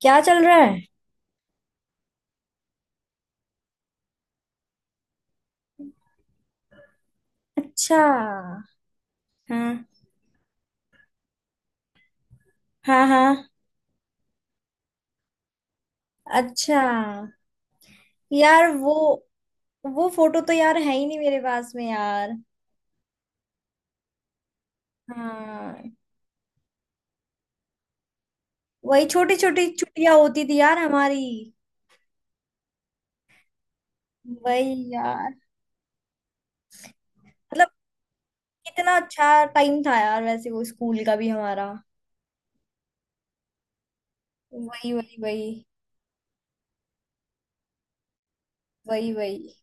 क्या चल रहा है? अच्छा। हाँ। हाँ। हाँ अच्छा। यार वो फोटो तो यार है ही नहीं मेरे पास में यार। हाँ। वही छोटी छोटी छुट्टियां होती थी यार हमारी। वही यार। मतलब। कितना अच्छा टाइम था यार वैसे वो स्कूल का भी हमारा। वही वही वही, वही वही।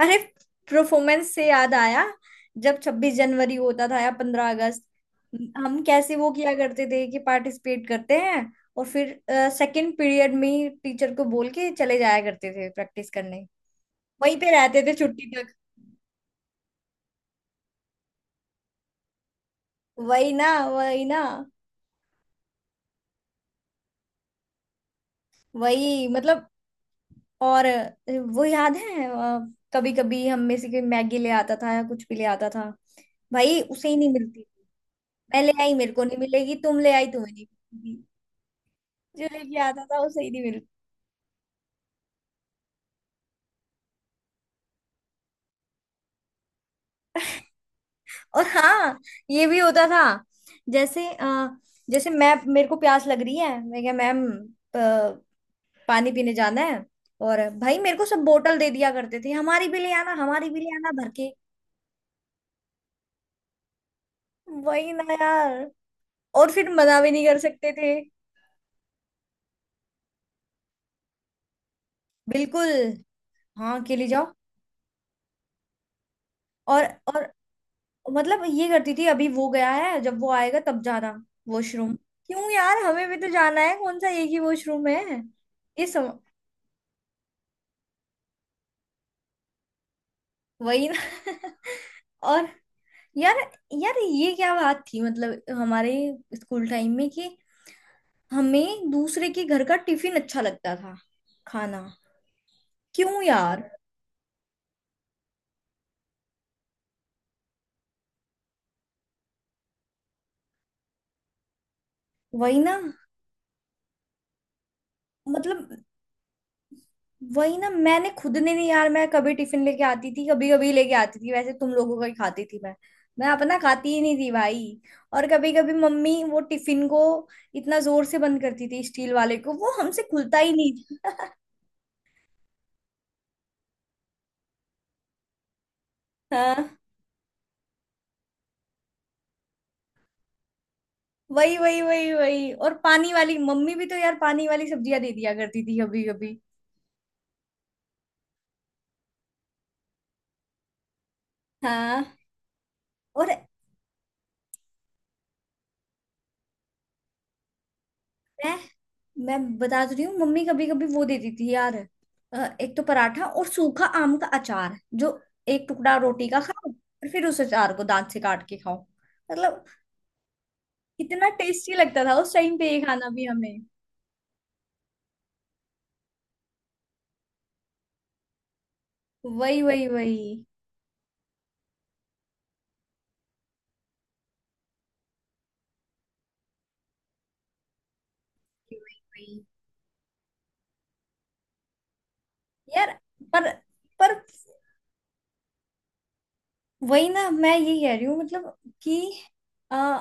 अरे। परफॉर्मेंस से याद आया। जब 26 जनवरी होता था या 15 अगस्त। हम कैसे वो किया करते थे कि पार्टिसिपेट करते हैं। और फिर सेकंड पीरियड में ही टीचर को बोल के चले जाया करते थे प्रैक्टिस करने। वहीं पे रहते थे छुट्टी तक। वही ना, वही ना। वही मतलब। और वो याद है। कभी कभी हम में से कोई मैगी ले आता था या कुछ भी ले आता था। भाई उसे ही नहीं मिलती। मैं ले आई मेरे को नहीं मिलेगी, तुम ले आई तुम्हें नहीं मिलेगी। जो लेके आता था वो सही नहीं मिलता। और हाँ। ये भी होता था। जैसे जैसे मैं, मेरे को प्यास लग रही है, मैं क्या मैम, प- पानी पीने जाना है। और भाई मेरे को सब बोतल दे दिया करते थे, हमारी भी ले आना, हमारी भी ले आना भर के। वही ना यार। और फिर मना भी नहीं कर सकते थे। बिल्कुल। हाँ अकेले जाओ। और और मतलब ये करती थी, अभी वो गया है जब वो आएगा तब जाना। वॉशरूम। क्यों यार, हमें भी तो जाना है, कौन सा एक ही वॉशरूम है। ये सम। वही ना। और यार, यार ये क्या बात थी मतलब हमारे स्कूल टाइम में कि हमें दूसरे के घर का टिफिन अच्छा लगता था, खाना। क्यों यार। वही ना मतलब। वही ना, मैंने खुद ने नहीं यार, मैं कभी टिफिन लेके आती थी, कभी कभी लेके आती थी, वैसे तुम लोगों का ही खाती थी मैं। मैं अपना खाती ही नहीं थी भाई। और कभी कभी मम्मी वो टिफिन को इतना जोर से बंद करती थी स्टील वाले को, वो हमसे खुलता ही नहीं था। हाँ। वही वही वही वही। और पानी वाली मम्मी भी तो यार, पानी वाली सब्जियां दे दिया करती थी, अभी अभी। हाँ। और मैं मैं बता तो रही हूँ, मम्मी कभी कभी वो देती थी यार। एक तो पराठा और सूखा आम का अचार, जो एक टुकड़ा रोटी का खाओ और फिर उस अचार को दांत से काट के खाओ। मतलब। इतना टेस्टी लगता था उस टाइम पे ये खाना भी हमें। वही वही वही वही वही। यार पर पर वही ना, मैं यही कह रही हूँ, मतलब कि आ,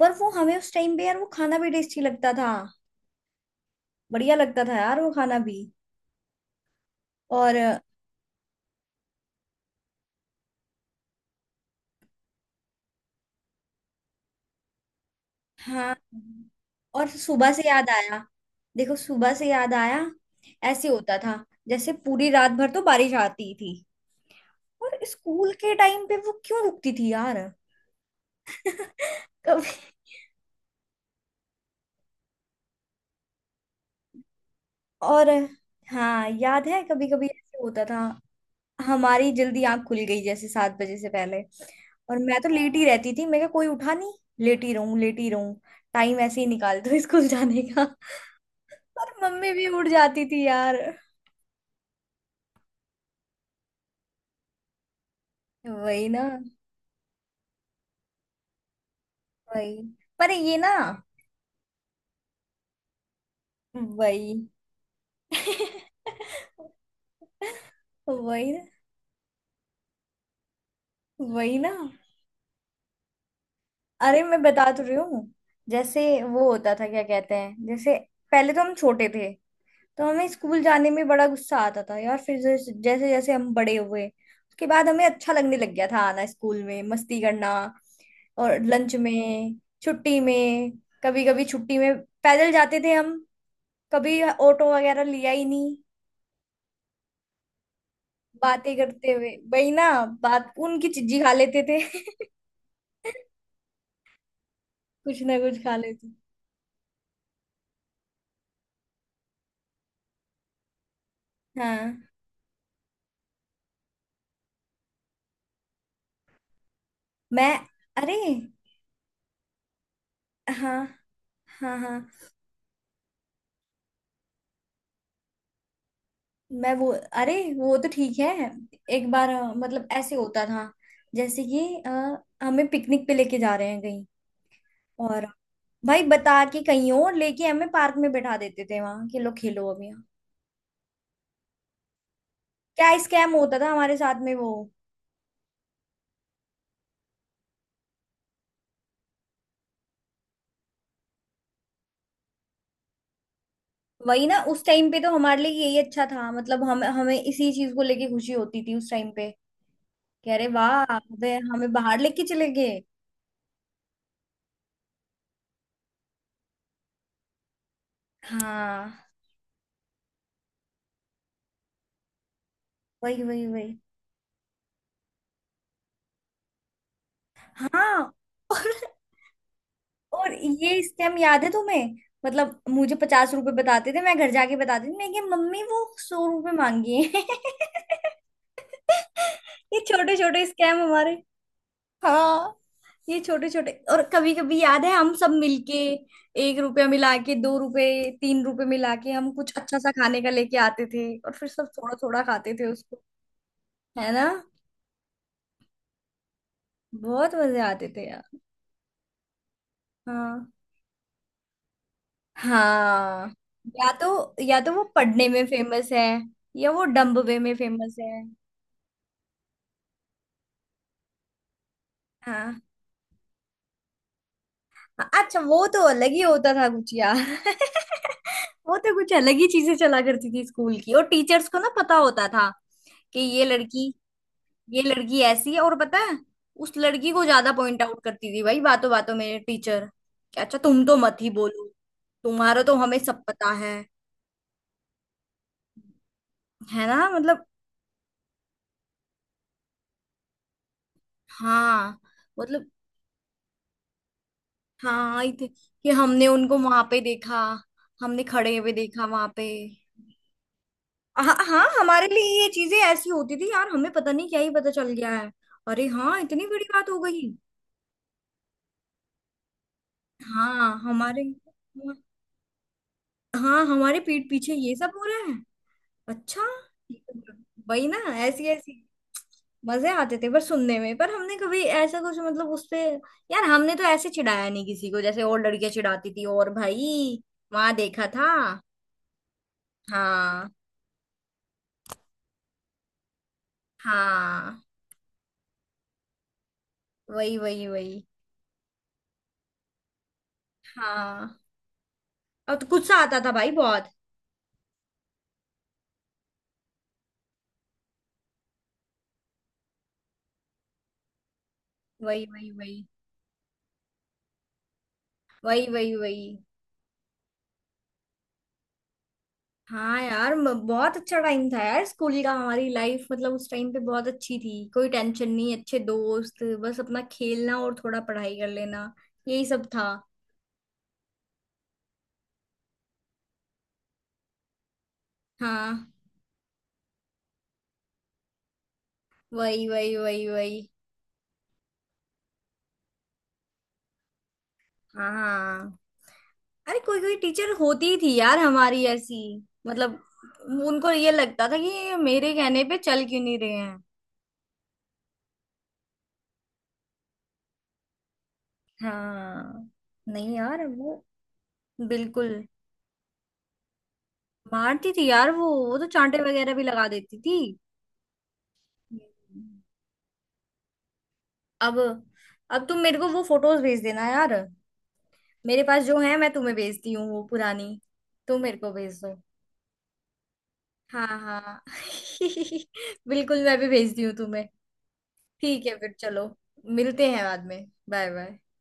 पर वो हमें उस टाइम पे यार वो खाना भी टेस्टी लगता था। बढ़िया लगता था यार वो खाना भी। और हाँ। और सुबह से याद आया। देखो सुबह से याद आया। ऐसे होता था जैसे पूरी रात भर तो बारिश आती थी और स्कूल के टाइम पे वो क्यों रुकती थी यार। कभी। और हाँ याद है कभी कभी ऐसे होता था। हमारी जल्दी आंख खुल गई जैसे 7 बजे से पहले। और मैं तो लेट ही रहती थी, मेरे को कोई उठा नहीं। लेटी रहूं, लेटी रहूं। टाइम ऐसे ही निकाल दो स्कूल जाने का। पर मम्मी भी उठ जाती थी यार। वही ना। वही। पर ये ना। वही। वही ना, वही ना। अरे मैं बता तो रही हूँ। जैसे वो होता था क्या कहते हैं, जैसे पहले तो हम छोटे थे तो हमें स्कूल जाने में बड़ा गुस्सा आता था यार, फिर जैसे जैसे जैसे हम बड़े हुए उसके बाद हमें अच्छा लगने लग गया था आना स्कूल में मस्ती करना। और लंच में। छुट्टी में। कभी कभी छुट्टी में पैदल जाते थे हम। कभी ऑटो वगैरह लिया ही नहीं। बातें करते हुए वही ना। बात उनकी चिज्जी खा लेते थे। कुछ ना कुछ खा लेते। हाँ। मैं। अरे। हाँ हाँ हाँ। मैं वो। अरे वो तो ठीक है। एक बार मतलब ऐसे होता था, जैसे कि हमें पिकनिक पे लेके जा रहे हैं कहीं, और भाई बता के कहीं और लेके हमें पार्क में बैठा देते थे वहां कि लो खेलो अभी यहाँ। क्या स्कैम होता था हमारे साथ में वो। वही ना, उस टाइम पे तो हमारे लिए यही अच्छा था, मतलब हम हमें इसी चीज को लेके खुशी होती थी उस टाइम पे, कि अरे वाह, वे हमें बाहर लेके चले गए। हाँ वही वही वही। हाँ। और ये स्कैम याद है तुम्हें। मतलब मुझे 50 रुपए बताते थे, मैं घर जाके बताती थी मैं कि मम्मी वो 100 रुपए मांगी है। ये छोटे छोटे स्कैम हमारे। हाँ। ये छोटे छोटे। और कभी कभी याद है, हम सब मिलके 1 रुपया मिला के, 2 रुपए, 3 रुपए मिला के हम कुछ अच्छा सा खाने का लेके आते थे और फिर सब थोड़ा थोड़ा खाते थे उसको। है ना। बहुत मजे आते थे यार। हाँ हाँ। या तो, या तो वो पढ़ने में फेमस है या वो डम्बवे में फेमस है। हाँ। अच्छा वो तो अलग ही होता था कुछ यार। वो तो कुछ अलग ही चीजें चला करती थी स्कूल की, और टीचर्स को ना पता होता था कि ये लड़की, ये लड़की ऐसी है, और पता है उस लड़की को ज्यादा पॉइंट आउट करती थी भाई बातों बातों में टीचर, कि अच्छा तुम तो मत ही बोलो, तुम्हारा तो हमें सब पता है। है ना मतलब। हाँ मतलब। हाँ आई थी। कि हमने उनको वहां पे देखा। हमने खड़े हुए देखा वहां पे। हाँ हाँ, हमारे लिए ये चीजें ऐसी होती थी यार, हमें पता नहीं क्या ही पता चल गया है। अरे हाँ, इतनी बड़ी बात हो गई। हाँ हमारे। हाँ हमारे पीठ पीछे ये सब हो रहा है। अच्छा। वही ना। ऐसी ऐसी। मजे आते थे पर सुनने में, पर हमने कभी ऐसा कुछ मतलब उस पे। यार हमने तो ऐसे चिढ़ाया नहीं किसी को, जैसे और लड़कियां चिढ़ाती थी और भाई। वहां देखा था। हाँ हाँ। वही वही वही। हाँ। और तो गुस्सा आता था भाई बहुत। वही वही वही, वही वही वही। हाँ यार, बहुत अच्छा टाइम था यार स्कूल का, हमारी लाइफ मतलब उस टाइम पे बहुत अच्छी थी, कोई टेंशन नहीं, अच्छे दोस्त, बस अपना खेलना और थोड़ा पढ़ाई कर लेना। यही सब था। हाँ। वही वही वही वही। हाँ, अरे कोई कोई टीचर होती ही थी यार हमारी ऐसी। मतलब उनको ये लगता था कि ये मेरे कहने पे चल क्यों नहीं रहे हैं। हाँ। नहीं यार वो। बिल्कुल। मारती थी यार वो तो चांटे वगैरह भी लगा देती थी। हम्म। अब। अब तुम मेरे को वो फोटोज भेज देना यार। मेरे पास जो है मैं तुम्हें भेजती हूँ, वो पुरानी। तुम मेरे को भेज दो। हाँ हाँ। बिल्कुल मैं भी भेजती हूँ तुम्हें। ठीक है फिर चलो। मिलते हैं बाद में। Bye bye.